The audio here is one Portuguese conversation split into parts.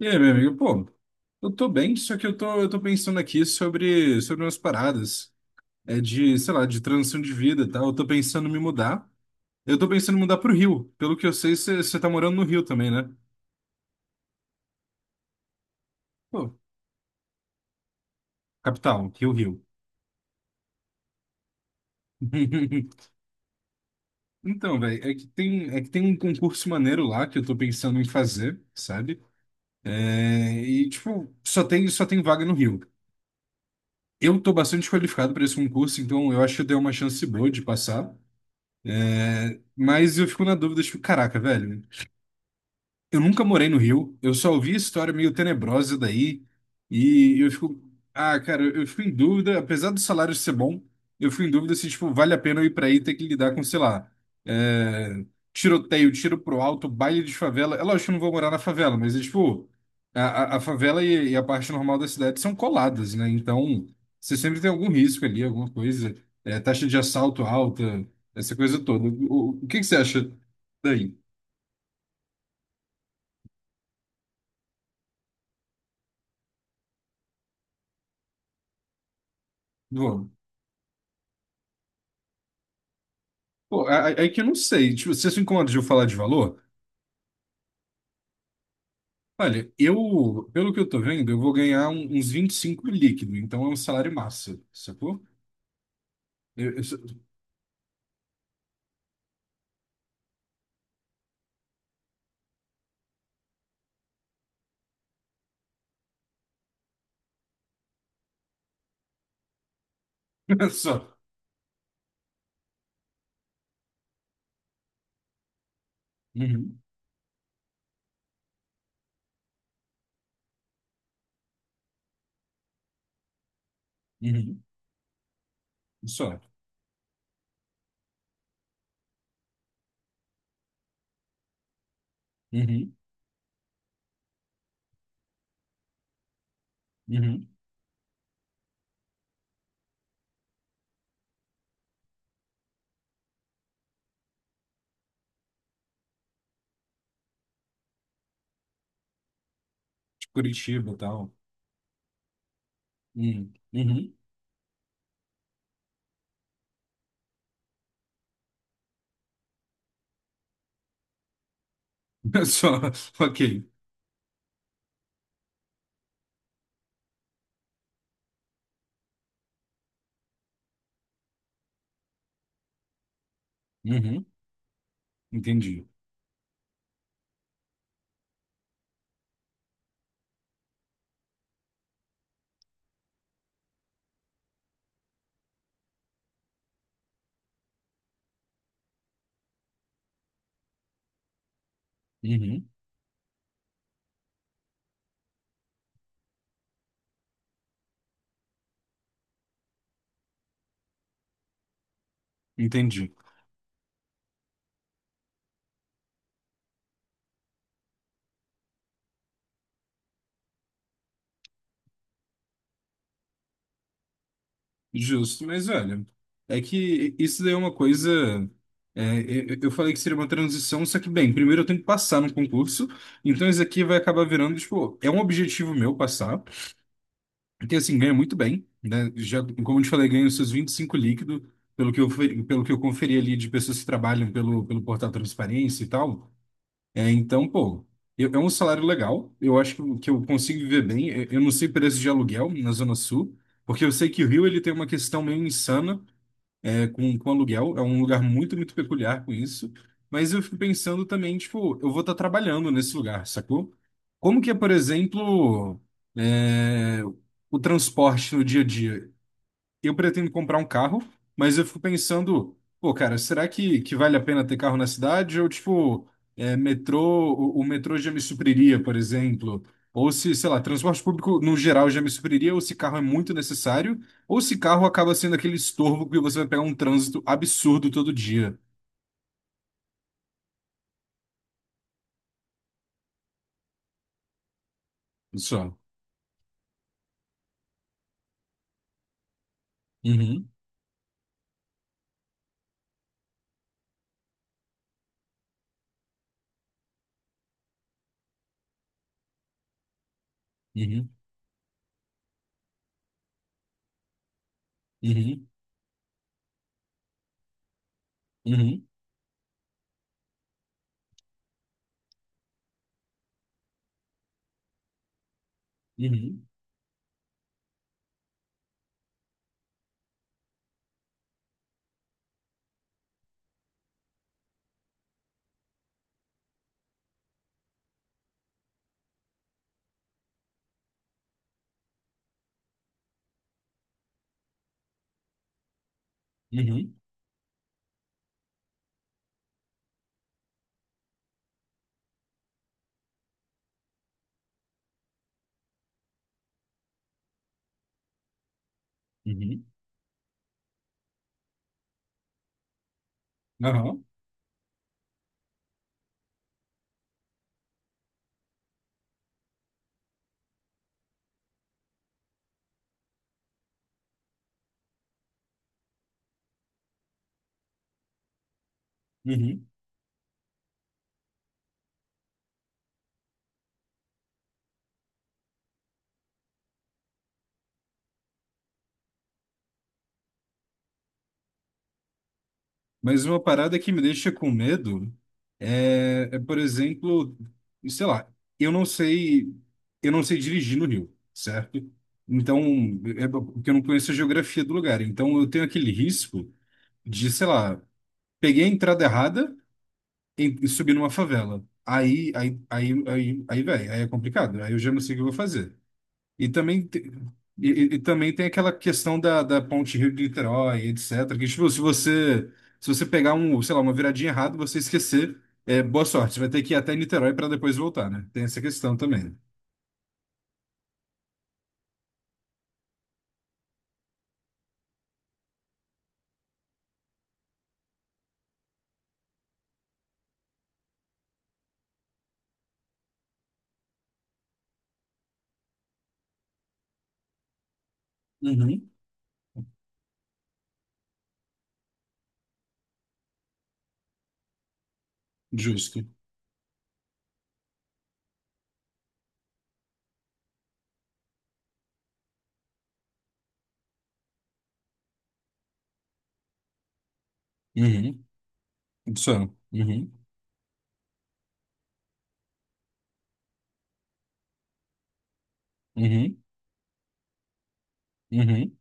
E aí, meu amigo, pô, eu tô bem, só que eu tô pensando aqui sobre umas paradas, é de, sei lá, de transição de vida e tal. Eu tô pensando em me mudar. Eu tô pensando em mudar pro Rio. Pelo que eu sei, você tá morando no Rio também, né? Pô, capital, Rio, Rio. Então, velho, é que tem um concurso maneiro lá que eu tô pensando em fazer, sabe? É, e, tipo, só tem vaga no Rio. Eu tô bastante qualificado para esse concurso, então eu acho que eu dei uma chance boa de passar. É, mas eu fico na dúvida, tipo, caraca, velho. Eu nunca morei no Rio, eu só ouvi história meio tenebrosa daí, e eu fico, ah, cara, eu fico em dúvida, apesar do salário ser bom, eu fico em dúvida se, tipo, vale a pena eu ir pra aí e ter que lidar com, sei lá, é, tiroteio, tiro pro alto, baile de favela. É lógico que eu não vou morar na favela, mas, é, tipo, a favela e a parte normal da cidade são coladas, né? Então, você sempre tem algum risco ali, alguma coisa, é, taxa de assalto alta, essa coisa toda. O que que você acha daí? Pô, é, é que eu não sei. Tipo, você se incomoda de eu falar de valor? Olha, eu, pelo que eu tô vendo, eu vou ganhar uns vinte e cinco líquido, então é um salário massa, sacou? Eu só. Só. Uhum, uhum, só. Uhum, uhum. De Curitiba e tal. Uhum, uhum. Só. Ok. Uhum, entendi. Uhum, entendi. Justo, mas olha, é que isso daí é uma coisa. É, eu falei que seria uma transição, só que, bem, primeiro eu tenho que passar no concurso, então isso aqui vai acabar virando, tipo, é um objetivo meu passar, porque assim, ganha muito bem, né? Já, como eu te falei, ganho seus 25 líquido, pelo que eu, pelo que eu conferi ali de pessoas que trabalham pelo portal Transparência e tal. É, então, pô, é um salário legal, eu acho que, que eu consigo viver bem, eu não sei preço de aluguel na Zona Sul. Porque eu sei que o Rio ele tem uma questão meio insana é, com aluguel. É um lugar muito, muito peculiar com isso. Mas eu fico pensando também, tipo, eu vou estar trabalhando nesse lugar, sacou? Como que é, por exemplo, é, o transporte no dia a dia? Eu pretendo comprar um carro, mas eu fico pensando, pô, cara, será que vale a pena ter carro na cidade? Ou, tipo, é, metrô, o metrô já me supriria, por exemplo. Ou se, sei lá, transporte público no geral já me supriria, ou se carro é muito necessário, ou se carro acaba sendo aquele estorvo que você vai pegar um trânsito absurdo todo dia. Só. Uhum, uhum, uhum, uhum, uhum, uhum, uhum, uhum, uhum, uhum. Mas uma parada que me deixa com medo é, é, por exemplo, sei lá, eu não sei, eu não sei dirigir no Rio, certo? Então, é porque eu não conheço a geografia do lugar. Então, eu tenho aquele risco de, sei lá, peguei a entrada errada e subi numa favela. Aí, velho, aí é complicado. Aí eu já não sei o que eu vou fazer. E também, e, e também tem aquela questão da, da Ponte Rio de Niterói, etc. Que, tipo, se você, se você pegar um, sei lá, uma viradinha errada, você esquecer, é, boa sorte. Você vai ter que ir até Niterói para depois voltar, né? Tem essa questão também. Uhum. Justo. Uhum. Isso é. Uhum. Uhum. Uhum.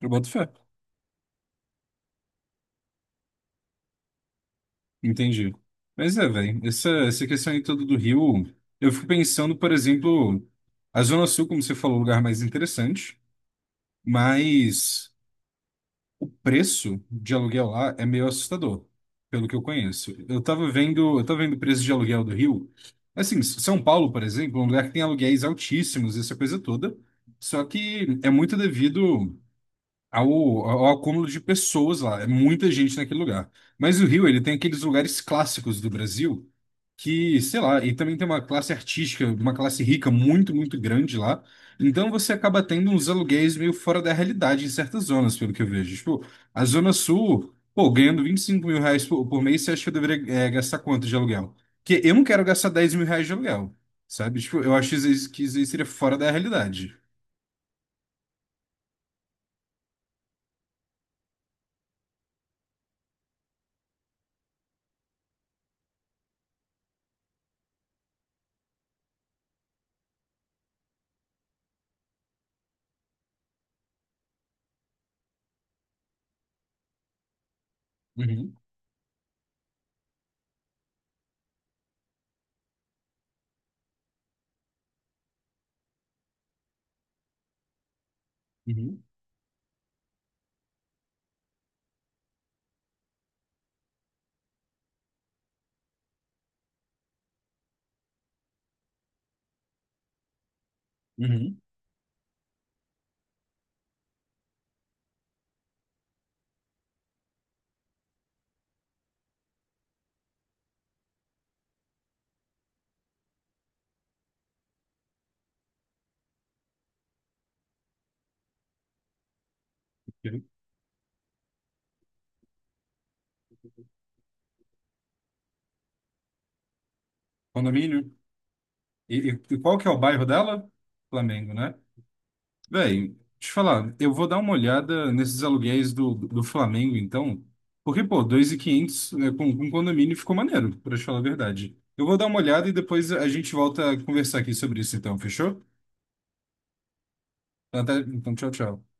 Eu boto fé. Entendi. Mas é, velho, essa questão aí toda do Rio, eu fico pensando, por exemplo, a Zona Sul, como você falou, é o lugar mais interessante, mas preço de aluguel lá é meio assustador, pelo que eu conheço. Eu tava vendo o preço de aluguel do Rio. Assim, São Paulo, por exemplo, é um lugar que tem aluguéis altíssimos, essa coisa toda. Só que é muito devido ao, ao acúmulo de pessoas lá. É muita gente naquele lugar. Mas o Rio, ele tem aqueles lugares clássicos do Brasil que, sei lá, e também tem uma classe artística, uma classe rica muito, muito grande lá. Então você acaba tendo uns aluguéis meio fora da realidade em certas zonas, pelo que eu vejo. Tipo, a Zona Sul, pô, ganhando R$ 25.000 por mês, você acha que eu deveria, eh, gastar quanto de aluguel? Porque eu não quero gastar R$ 10.000 de aluguel, sabe? Tipo, eu acho que isso aí seria fora da realidade. Uhum, uhum, uhum. Ok. Condomínio? E, e qual que é o bairro dela? Flamengo, né? Véi, deixa eu te falar, eu vou dar uma olhada nesses aluguéis do, do Flamengo, então, porque, pô, 2.500, né, com condomínio ficou maneiro, pra te falar a verdade. Eu vou dar uma olhada e depois a gente volta a conversar aqui sobre isso, então, fechou? Então, então, tchau, tchau.